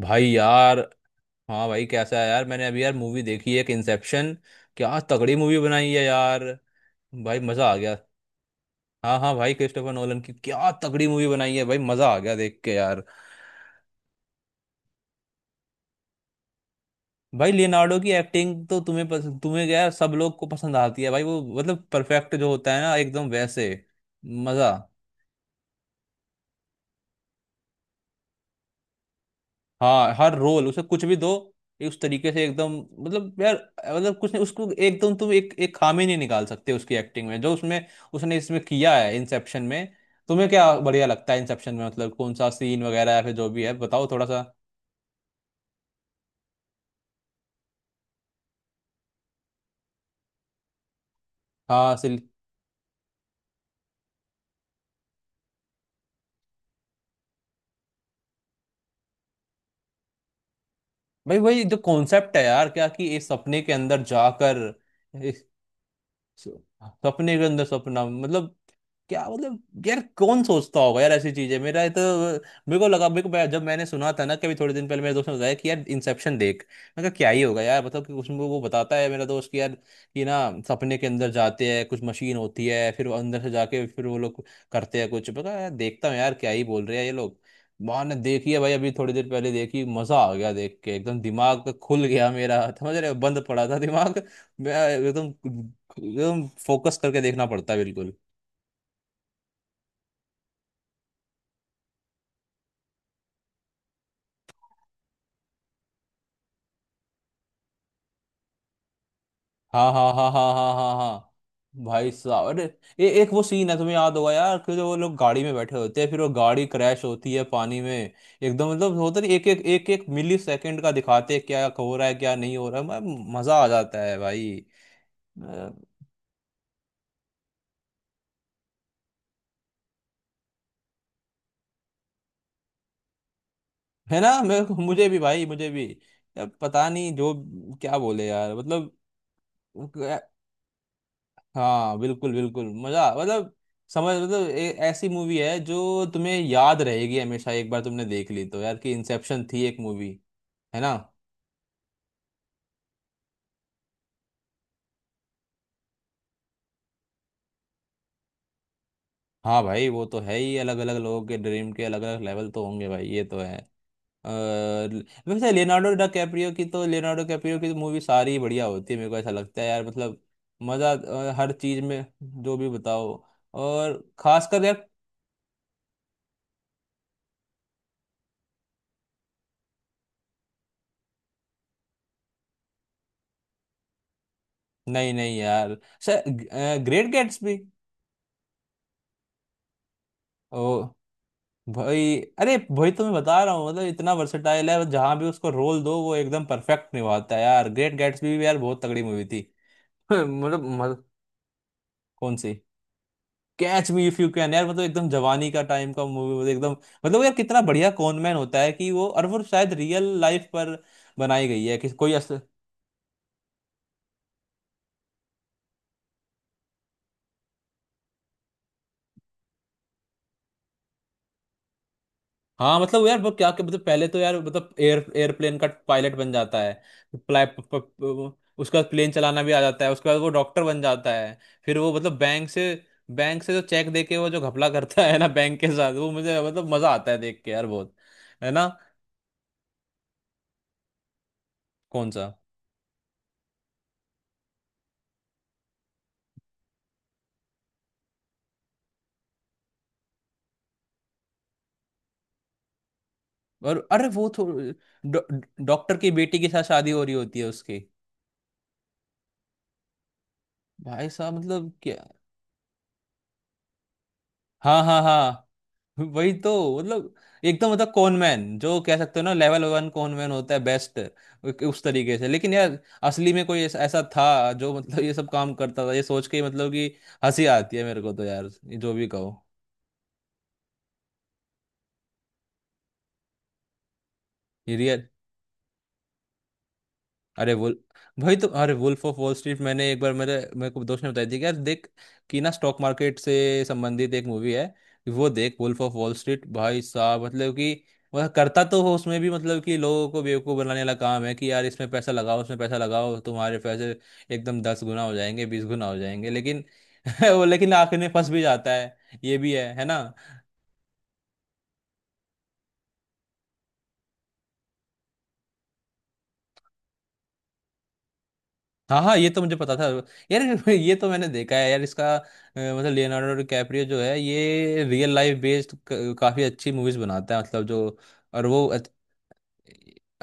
भाई यार। हाँ भाई, कैसा है यार? मैंने अभी यार मूवी देखी है एक, इंसेप्शन। क्या तगड़ी मूवी बनाई है यार! भाई मजा आ गया। हाँ हाँ भाई, क्रिस्टोफर नोलन की क्या तगड़ी मूवी बनाई है भाई। मजा आ गया देख के यार। भाई लियोनार्डो की एक्टिंग तो तुम्हें क्या, सब लोग को पसंद आती है भाई। वो मतलब परफेक्ट जो होता है ना, एकदम वैसे। मजा। हाँ, हर रोल उसे कुछ भी दो, ये उस तरीके से एकदम। मतलब यार, मतलब कुछ नहीं, उसको एकदम तुम एक एक खामी नहीं निकाल सकते उसकी एक्टिंग में जो उसमें उसने इसमें किया है इंसेप्शन में। तुम्हें क्या बढ़िया लगता है इंसेप्शन में, मतलब कौन सा सीन वगैरह या फिर जो भी है, बताओ थोड़ा सा। हाँ सिल। भाई वही जो कॉन्सेप्ट है यार क्या, कि इस सपने के अंदर जाकर, सो- सपने के अंदर सपना मतलब। क्या मतलब यार, कौन सोचता होगा यार ऐसी चीजें। मेरा ये तो, मेरे को लगा, जब मैंने सुना था ना कभी थोड़े दिन पहले, मेरे दोस्त ने बताया कि यार इंसेप्शन देख। मैं कहा क्या ही होगा यार, मतलब कि उसमें वो बताता है मेरा दोस्त कि यार कि ना, सपने के अंदर जाते हैं कुछ मशीन होती है, फिर वो अंदर से जाके फिर वो लोग करते हैं कुछ। मैं कहा यार देखता हूँ यार क्या ही बोल रहे हैं ये लोग। मैंने देखी है भाई अभी थोड़ी देर पहले देखी, मजा आ गया देख के। एकदम दिमाग खुल गया मेरा, समझ रहे हो? बंद पड़ा था दिमाग। मैं एकदम, एकदम फोकस करके देखना पड़ता है बिल्कुल। हाँ हाँ हाँ हाँ हाँ हाँ हाँ। भाई साहब, अरे! एक वो सीन है तुम्हें याद होगा यार, कि जो वो लोग गाड़ी में बैठे होते हैं, फिर वो गाड़ी क्रैश होती है पानी में एकदम, मतलब होता नहीं, एक एक एक एक मिली सेकंड का दिखाते हैं क्या हो रहा है क्या नहीं हो रहा है। मजा आ जाता है भाई। अ, है ना, मैं मुझे भी भाई, मुझे भी। अब पता नहीं, जो क्या बोले यार, मतलब। हाँ बिल्कुल बिल्कुल, मजा मतलब, समझ मतलब, ऐसी मूवी है जो तुम्हें याद रहेगी हमेशा। एक बार तुमने देख ली तो यार, कि इंसेप्शन थी एक मूवी, है ना। हाँ भाई, वो तो है ही, अलग अलग लोगों के ड्रीम के अलग अलग लेवल तो होंगे भाई, ये तो है। अ, वैसे लियोनार्डो डा कैप्रियो की तो, लियोनार्डो कैप्रियो की तो मूवी सारी बढ़िया होती है, मेरे को ऐसा लगता है यार। मतलब मजा, हर चीज में जो भी बताओ। और खासकर यार, नहीं नहीं यार, ग्रेट गेट्स भी। ओ भाई, अरे भाई, तो मैं बता रहा हूँ, मतलब इतना वर्सेटाइल है, जहां भी उसको रोल दो वो एकदम परफेक्ट निभाता है यार। ग्रेट गैट्सबी भी यार बहुत तगड़ी मूवी थी। मतलब मतलब, कौन सी? Catch me if you can यार, मतलब एकदम जवानी का टाइम का मूवी, मतलब एकदम। मतलब यार कितना बढ़िया कॉनमैन होता है कि वो। और वो शायद रियल लाइफ पर बनाई गई है, कि हाँ। मतलब यार वो क्या क्या- मतलब पहले तो यार, मतलब एयरप्लेन का पायलट बन जाता है, प्ला- प, प, प, उसका प्लेन चलाना भी आ जाता है, उसके बाद वो डॉक्टर बन जाता है, फिर वो मतलब बैंक से जो चेक दे के, वो जो घपला करता है ना बैंक के साथ, वो मुझे मतलब मजा आता है देख के यार बहुत, है ना। कौन सा? और अरे वो तो, डॉ- डॉक्टर की बेटी के साथ शादी हो रही होती है उसकी। भाई साहब, मतलब क्या! हाँ हाँ हाँ, वही तो, मतलब एकदम मतलब कॉनमैन जो कह सकते हो ना, लेवल वन कॉनमैन होता है, बेस्ट उस तरीके से। लेकिन यार असली में कोई ऐसा ऐसा था जो मतलब ये सब काम करता था, ये सोच के ही मतलब कि हंसी आती है मेरे को तो यार, ये जो भी कहो। ये अरे वुल भाई तो, अरे वुल्फ ऑफ वॉल स्ट्रीट मैंने एक बार, मेरे मेरे को दोस्त ने बताई थी कि यार देख, कि ना स्टॉक मार्केट से संबंधित एक मूवी है, वो देख। वुल्फ ऑफ वॉल स्ट्रीट भाई साहब, मतलब कि वह करता तो हो उसमें भी, मतलब कि लोगों को बेवकूफ़ बनाने वाला काम है कि यार, इसमें पैसा लगाओ, उसमें पैसा लगाओ, तुम्हारे पैसे एकदम दस गुना हो जाएंगे, बीस गुना हो जाएंगे, लेकिन वो लेकिन आखिर में फंस भी जाता है, ये भी है ना। हाँ हाँ, ये तो मुझे पता था यार। ये तो मैंने देखा है यार इसका। मतलब लियोनार्डो डिकैप्रियो जो है, ये रियल लाइफ बेस्ड काफी अच्छी मूवीज बनाता है, मतलब जो। और वो अत-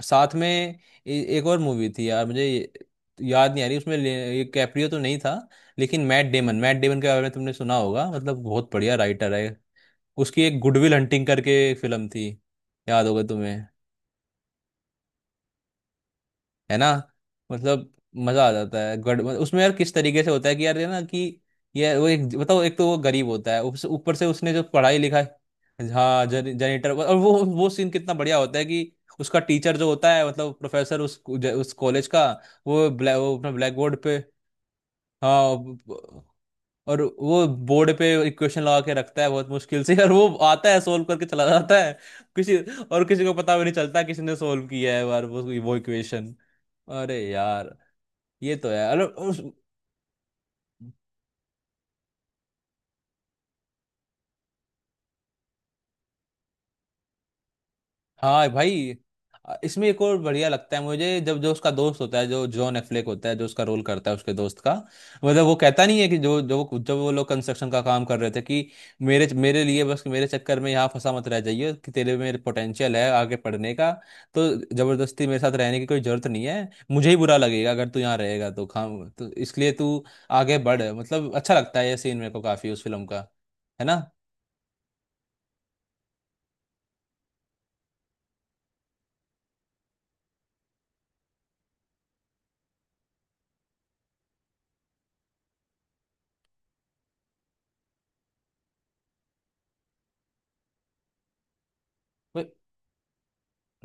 साथ में एक और मूवी थी यार मुझे, याद नहीं आ रही। उसमें ये कैप्रियो तो नहीं था, लेकिन मैट डेमन के बारे में तुमने सुना होगा, मतलब बहुत बढ़िया राइटर है। उसकी एक गुडविल हंटिंग करके फिल्म थी, याद होगा तुम्हें, है ना। मतलब मजा आ जाता है गड़, मतलब उसमें यार किस तरीके से होता है कि यार, ये ना कि ये वो एक बताओ, एक तो वो गरीब होता है, ऊपर से उसने जो पढ़ाई लिखा है, हाँ जनिटर, और वो सीन कितना बढ़िया होता है कि उसका टीचर जो होता है, मतलब प्रोफेसर उस उस कॉलेज का, वो ब्लैक, वो अपना ब्लैक बोर्ड पे, हाँ। ब- और वो बोर्ड पे इक्वेशन लगा के रखता है बहुत मुश्किल से, और वो आता है सोल्व करके चला जाता है किसी, और किसी को पता भी नहीं चलता किसी ने सोल्व किया है बार वो इक्वेशन। अरे यार, ये तो है। अरे उस, हाँ भाई। इसमें एक और बढ़िया लगता है मुझे, जब जो उसका दोस्त होता है, जो जॉन एफ्लेक होता है, जो उसका रोल करता है उसके दोस्त का, मतलब वो कहता नहीं है कि जो जो जब वो लोग कंस्ट्रक्शन का काम कर रहे थे कि मेरे मेरे लिए बस, मेरे चक्कर में यहाँ फंसा मत रह जाइए, कि तेरे में पोटेंशियल है आगे पढ़ने का, तो जबरदस्ती मेरे साथ रहने की कोई जरूरत नहीं है, मुझे ही बुरा लगेगा अगर तू यहाँ रहेगा तो, खाम तो इसलिए तू आगे बढ़। मतलब अच्छा लगता है ये सीन मेरे को काफी उस फिल्म का, है ना।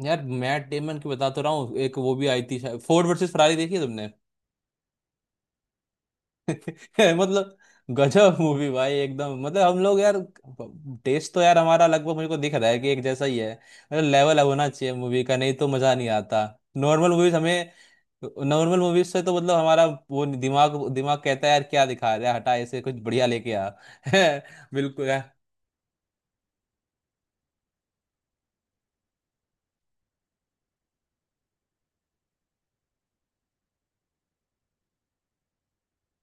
यार मैट डेमन की बता तो रहा हूँ, एक वो भी आई थी शायद, फोर्ड वर्सेस फरारी, देखी है तुमने? मतलब गजब मूवी भाई एकदम। मतलब हम लोग यार, टेस्ट तो यार हमारा लगभग मुझे को दिख रहा है कि एक जैसा ही है, मतलब लेवल होना चाहिए मूवी का, नहीं तो मजा नहीं आता। नॉर्मल मूवीज हमें, नॉर्मल मूवीज से तो मतलब हमारा वो, दिमाग दिमाग कहता है यार क्या दिखा रहा है, हटा, ऐसे कुछ बढ़िया लेके आ। बिल्कुल।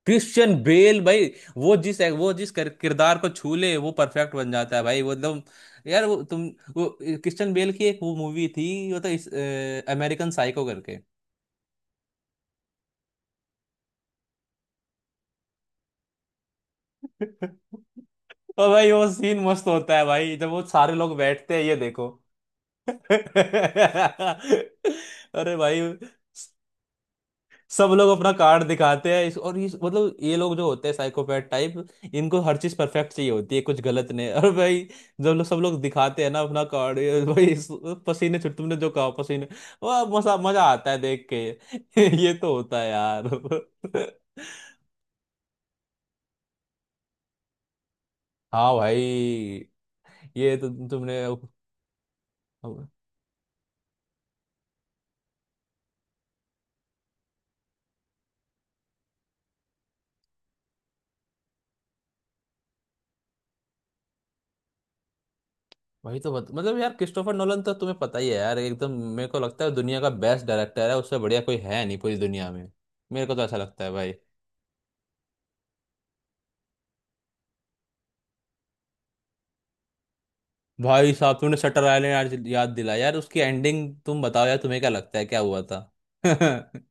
क्रिश्चियन बेल भाई, वो जिस, किरदार को छू ले वो परफेक्ट बन जाता है भाई, वो एकदम। यार वो तुम, वो क्रिश्चियन बेल की एक वो मूवी थी, वो तो इस, अमेरिकन साइको करके। और भाई वो सीन मस्त होता है भाई, जब वो सारे लोग बैठते हैं ये देखो। अरे भाई, सब लोग अपना कार्ड दिखाते हैं इस और इस, मतलब ये लोग जो होते हैं साइकोपैथ टाइप, इनको हर चीज परफेक्ट चाहिए होती है, कुछ गलत नहीं। और भाई जब लोग सब लोग दिखाते हैं ना अपना कार्ड ये भाई, पसीने छुट, तुमने जो कहा पसीने, वाह! मजा मजा आता है देख के। ये तो होता है यार। हाँ भाई, ये तो तुमने, वही तो मतलब यार क्रिस्टोफर नोलन तो तुम्हें पता ही है यार, एकदम मेरे को लगता है दुनिया का बेस्ट डायरेक्टर है, उससे बढ़िया कोई है नहीं पूरी दुनिया में। मेरे को तो ऐसा लगता है भाई। भाई साहब तुमने शटर आइलैंड याद याद दिलाया यार, उसकी एंडिंग तुम बताओ यार, तुम्हें क्या लगता है क्या हुआ था?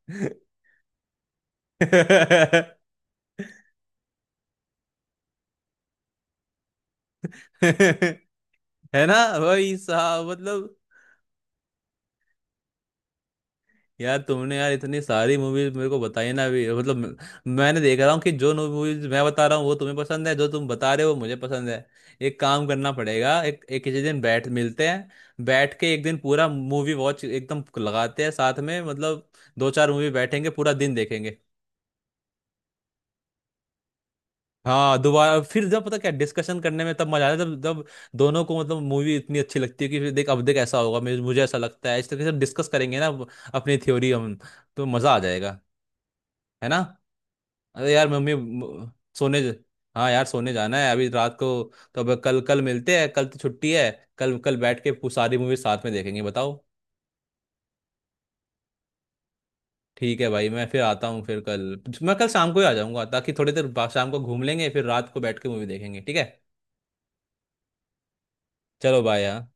है ना भाई साहब, मतलब। यार तुमने यार इतनी सारी मूवीज मेरे को बताई ना अभी, मतलब मैंने देख रहा हूँ कि जो मूवीज मैं बता रहा हूँ वो तुम्हें पसंद है, जो तुम बता रहे हो वो मुझे पसंद है। एक काम करना पड़ेगा, एक किसी दिन बैठ मिलते हैं, बैठ के एक दिन पूरा मूवी वॉच एकदम लगाते हैं साथ में, मतलब दो चार मूवी बैठेंगे, पूरा दिन देखेंगे। हाँ, दोबारा फिर, जब पता क्या डिस्कशन करने में तब मजा आता है जब जब दोनों को मतलब मूवी इतनी अच्छी लगती है कि फिर देख, अब देख ऐसा होगा, मुझे मुझे ऐसा लगता है, इस तरीके से डिस्कस करेंगे ना अपनी थ्योरी हम, तो मजा आ जाएगा, है ना। अरे यार मम्मी म- सोने ज- हाँ यार सोने जाना है अभी रात को, तो अब कल, कल मिलते हैं, कल तो छुट्टी है। कल कल बैठ के सारी मूवी साथ में देखेंगे, बताओ। ठीक है भाई, मैं फिर आता हूँ फिर कल। मैं कल शाम को ही आ जाऊंगा ताकि थोड़ी देर बाद शाम को घूम लेंगे, फिर रात को बैठ के मूवी देखेंगे, ठीक है। चलो बाय यार।